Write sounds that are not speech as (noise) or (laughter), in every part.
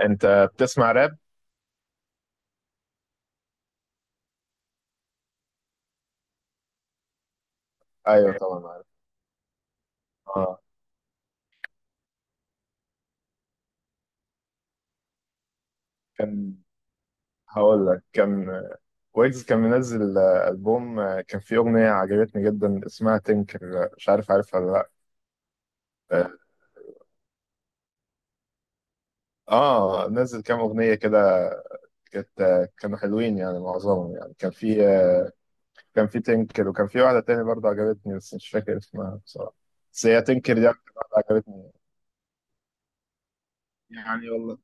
انت بتسمع راب؟ ايوه، طبعا عارف. اه، كان هقول لك. ويجز كان منزل ألبوم. كان فيه أغنية عجبتني جدا اسمها تنكر، مش عارف عارفها ولا لأ. آه. نزل كام أغنية كده. كانت كانوا حلوين يعني، معظمهم يعني. كان فيه كان فيه تنكر، وكان فيه واحدة تانية برضه عجبتني بس مش فاكر اسمها بصراحة. بس هي تنكر دي أكتر واحدة عجبتني. يعني والله،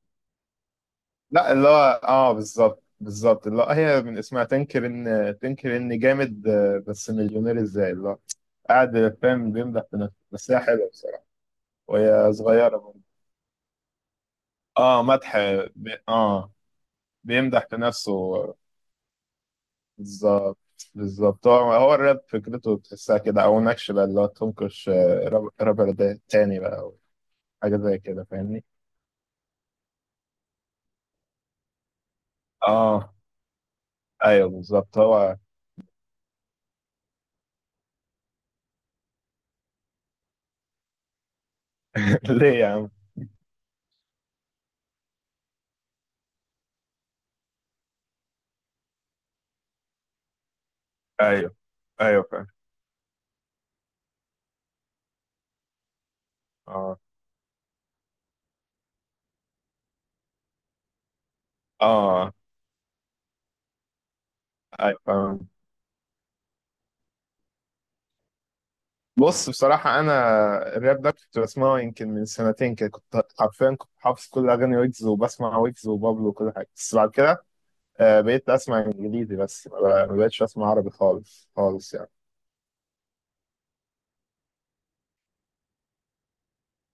لا، اللي هو اه بالظبط بالظبط، اللي هو هي من اسمها تنكر، ان تنكر ان جامد بس مليونير ازاي، اللي هو قاعد فاهم بيمدح في نفسه، بس هي حلوه بصراحه. وهي صغيره برضه. اه، مدح. اه، بيمدح في نفسه. بالظبط بالظبط. هو هو الراب فكرته تحسها كده، او نكش بقى اللي هو تنكش رابر ده تاني بقى، او حاجه زي كده، فاهمني. اه. ايوه بالظبط هو. (laughs) ليه يا عم؟ ايوه ايوه فاهم. اه اه. ايوه فاهم. بص، بصراحة أنا الراب ده كنت بسمعه يمكن من سنتين كده. كنت حرفيا كنت حافظ كل أغاني ويجز، وبسمع ويجز وبابلو وكل حاجة. بس بعد كده بقيت أسمع إنجليزي بس، ما بقتش أسمع عربي خالص خالص يعني.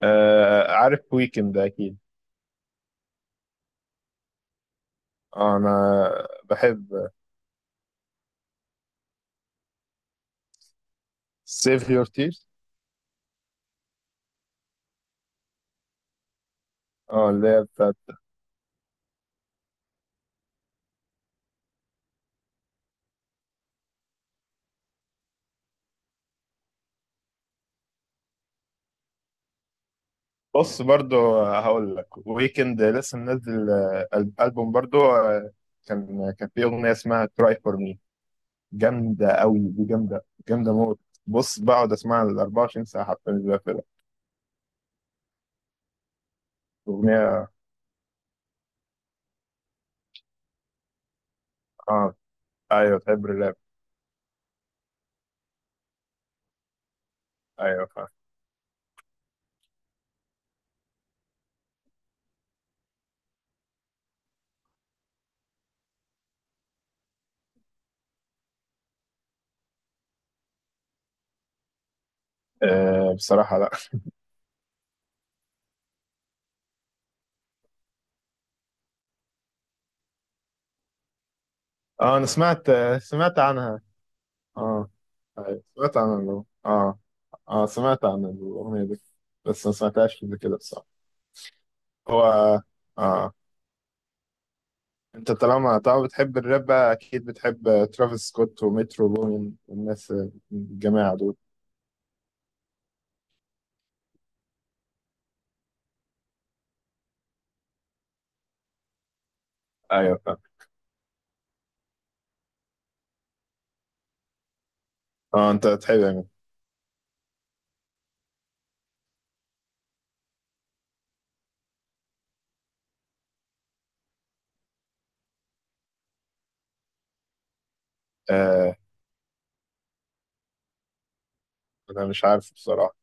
عارف ويكند أكيد. أنا بحب سيف Your Tears. اه، اللي هي بتاعت. بص، برضو هقول لك ويكند لسه منزل ألبوم برضو. كان فيه أغنية اسمها Cry For Me، جامدة أوي دي، جامدة جامدة موت. بص بقعد أسمعها ال 24 ساعة، حتى مش بقفلها أغنية. آه. أيوه تحب الراب. أيوه فاهم. آه بصراحة لأ. آه أنا سمعت، سمعت عنها. آه أيوه، سمعت عن آه، آه، سمعت عن الأغنية دي، بس ما سمعتهاش قبل كده بصراحة. هو، آه، أنت طالما طالما بتحب الراب بقى، أكيد بتحب ترافيس سكوت ومترو بومين والناس، الجماعة دول. أيوه فاهم. آه أنت بتحب يعني. آه أنا مش عارف بصراحة.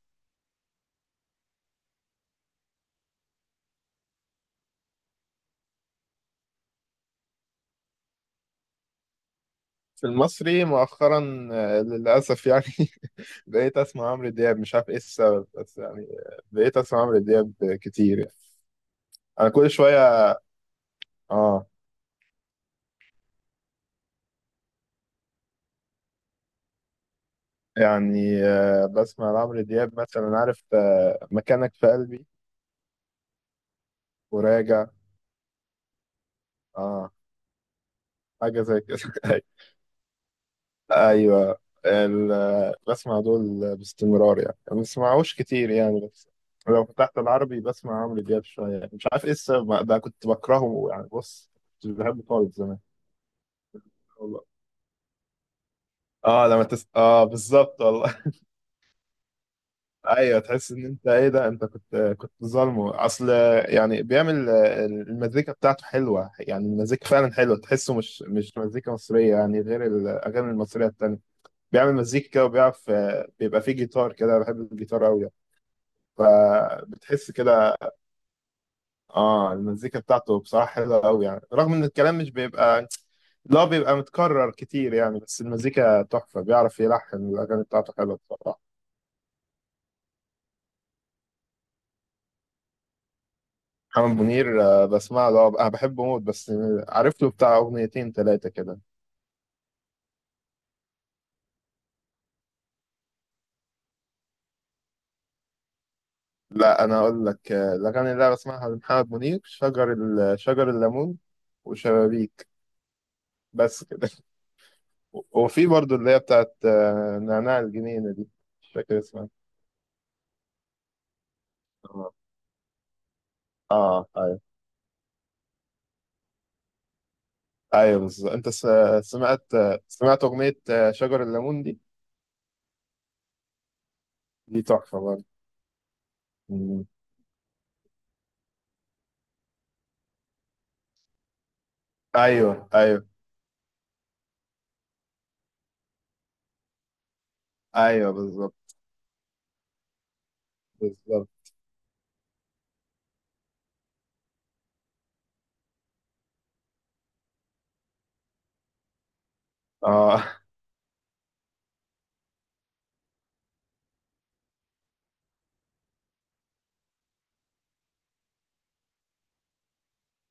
في المصري مؤخرا للأسف يعني (laughs) بقيت أسمع عمرو دياب، مش عارف إيه السبب، بس يعني بقيت أسمع عمرو دياب كتير يعني. أنا كل شوية. آه. يعني بسمع عمرو دياب مثلا، عارف مكانك في قلبي، وراجع. آه. حاجة زي كده. (laughs) أيوه. بسمع دول باستمرار يعني، ما بسمعوش كتير يعني، بس لو فتحت العربي بسمع عمرو دياب شوية. مش عارف إيه السبب بقى، كنت بكرهه يعني. بص، مش بحبه خالص زمان. والله. اه، اه بالظبط والله. (laughs) ايوه، تحس ان انت ايه ده، انت كنت ظالمه اصل. يعني بيعمل المزيكا بتاعته حلوه، يعني المزيكا فعلا حلوه، تحسه مش مزيكا مصريه يعني، غير الاغاني المصريه التانيه. بيعمل مزيكا كده، وبيعرف بيبقى فيه جيتار كده. بحب الجيتار قوي يعني. فبتحس كده. اه، المزيكا بتاعته بصراحه حلوه قوي يعني، رغم ان الكلام مش بيبقى، لا، بيبقى متكرر كتير يعني. بس المزيكا تحفه، بيعرف يلحن، الاغاني بتاعته حلوه بصراحه. محمد منير بسمع له، انا بحبه موت، بس عارف له بتاع اغنيتين ثلاثه كده. لا انا اقول لك الاغاني اللي انا بسمعها لمحمد منير، شجر الليمون، وشبابيك، بس كده. (laughs) وفي برضو اللي هي بتاعت نعناع الجنينه دي، مش فاكر اسمها. اه. ايوه ايوه بالظبط. سمعت سمعت اغنيه شجر الليمون دي؟ دي تحفه برضه. مم. ايوه ايوه ايوه بالظبط بالظبط. اه.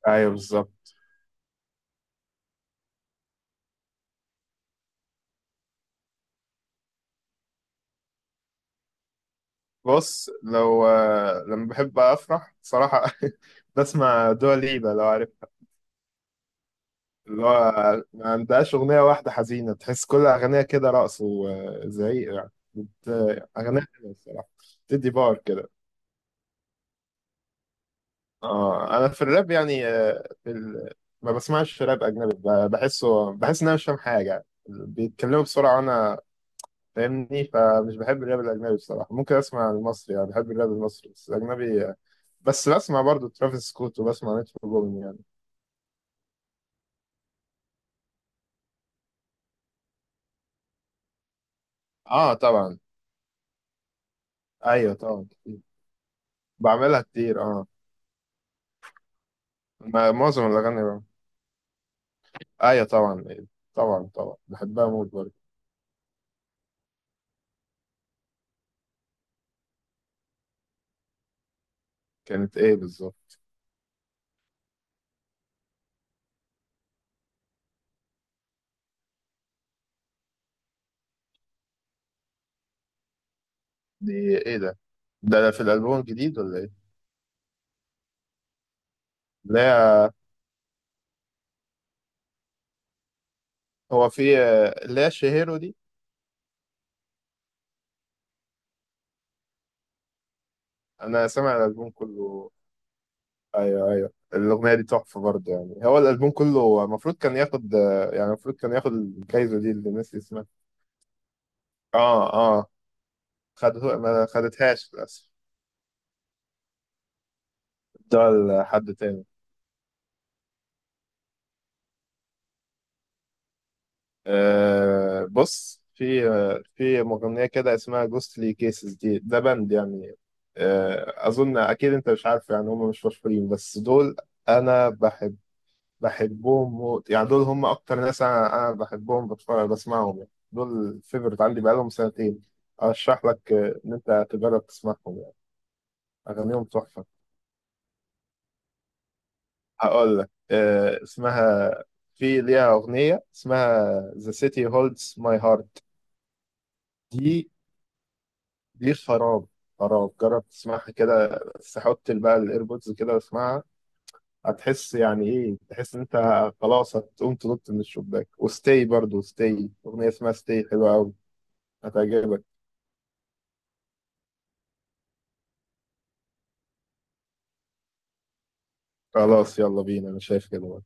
(laughs) ايوه بالظبط. بص، لو لما بحب افرح بصراحة (laughs) بسمع دوا ليبا، لو عارفها. اللي هو ما عندهاش أغنية واحدة حزينة، تحس كل أغانيها كده رقص وزعيق يعني، أغانيها حلوة الصراحة، تدي باور كده. اه. أنا في الراب يعني ما بسمعش راب أجنبي، بحسه، بحس إن أنا مش فاهم حاجة يعني. بيتكلموا بسرعة وأنا فاهمني، فمش بحب الراب الأجنبي بصراحة. ممكن أسمع المصري يعني، بحب الراب المصري بس. الأجنبي بس بسمع برضو ترافيس سكوت وبسمع مترو بومين يعني. اه طبعا. ايوه طبعا كتير. بعملها كتير اه. معظم الاغاني بقى. ايوه طبعا إيه. طبعا طبعا بحبها موت برضه. كانت ايه بالظبط؟ دي ايه ده؟ ده في الالبوم الجديد ولا ايه؟ لا، هو في لا شهيرو دي؟ انا سامع الالبوم كله. ايوه ايوه، الاغنيه دي تحفه برضه يعني. هو الالبوم كله المفروض كان ياخد يعني المفروض كان ياخد الجايزه دي اللي الناس اسمها. اه اه. خدته، ما خدتهاش للاسف، ده لحد تاني. أه بص، في في مغنية كده اسمها جوستلي كيسز دي، ده باند يعني. أه أظن أكيد أنت مش عارف يعني، هم مش مشهورين بس دول. أنا بحب، بحبهم موت يعني، دول هم أكتر ناس أنا بحبهم، بتفرج بسمعهم يعني، دول الفيفورت عندي بقالهم سنتين. أرشح لك إن أنت تجرب تسمعهم يعني. أغانيهم تحفة. هقول لك أه اسمها، في ليها أغنية اسمها The City Holds My Heart. دي، دي خراب، خراب. جرب تسمعها كده، بس حط بقى الايربودز كده واسمعها، هتحس يعني ايه، تحس ان انت خلاص هتقوم تنط من الشباك. وستي برضو، ستي اغنيه اسمها ستي حلوه قوي، هتعجبك. خلاص يلا بينا، انا شايف كده برضه.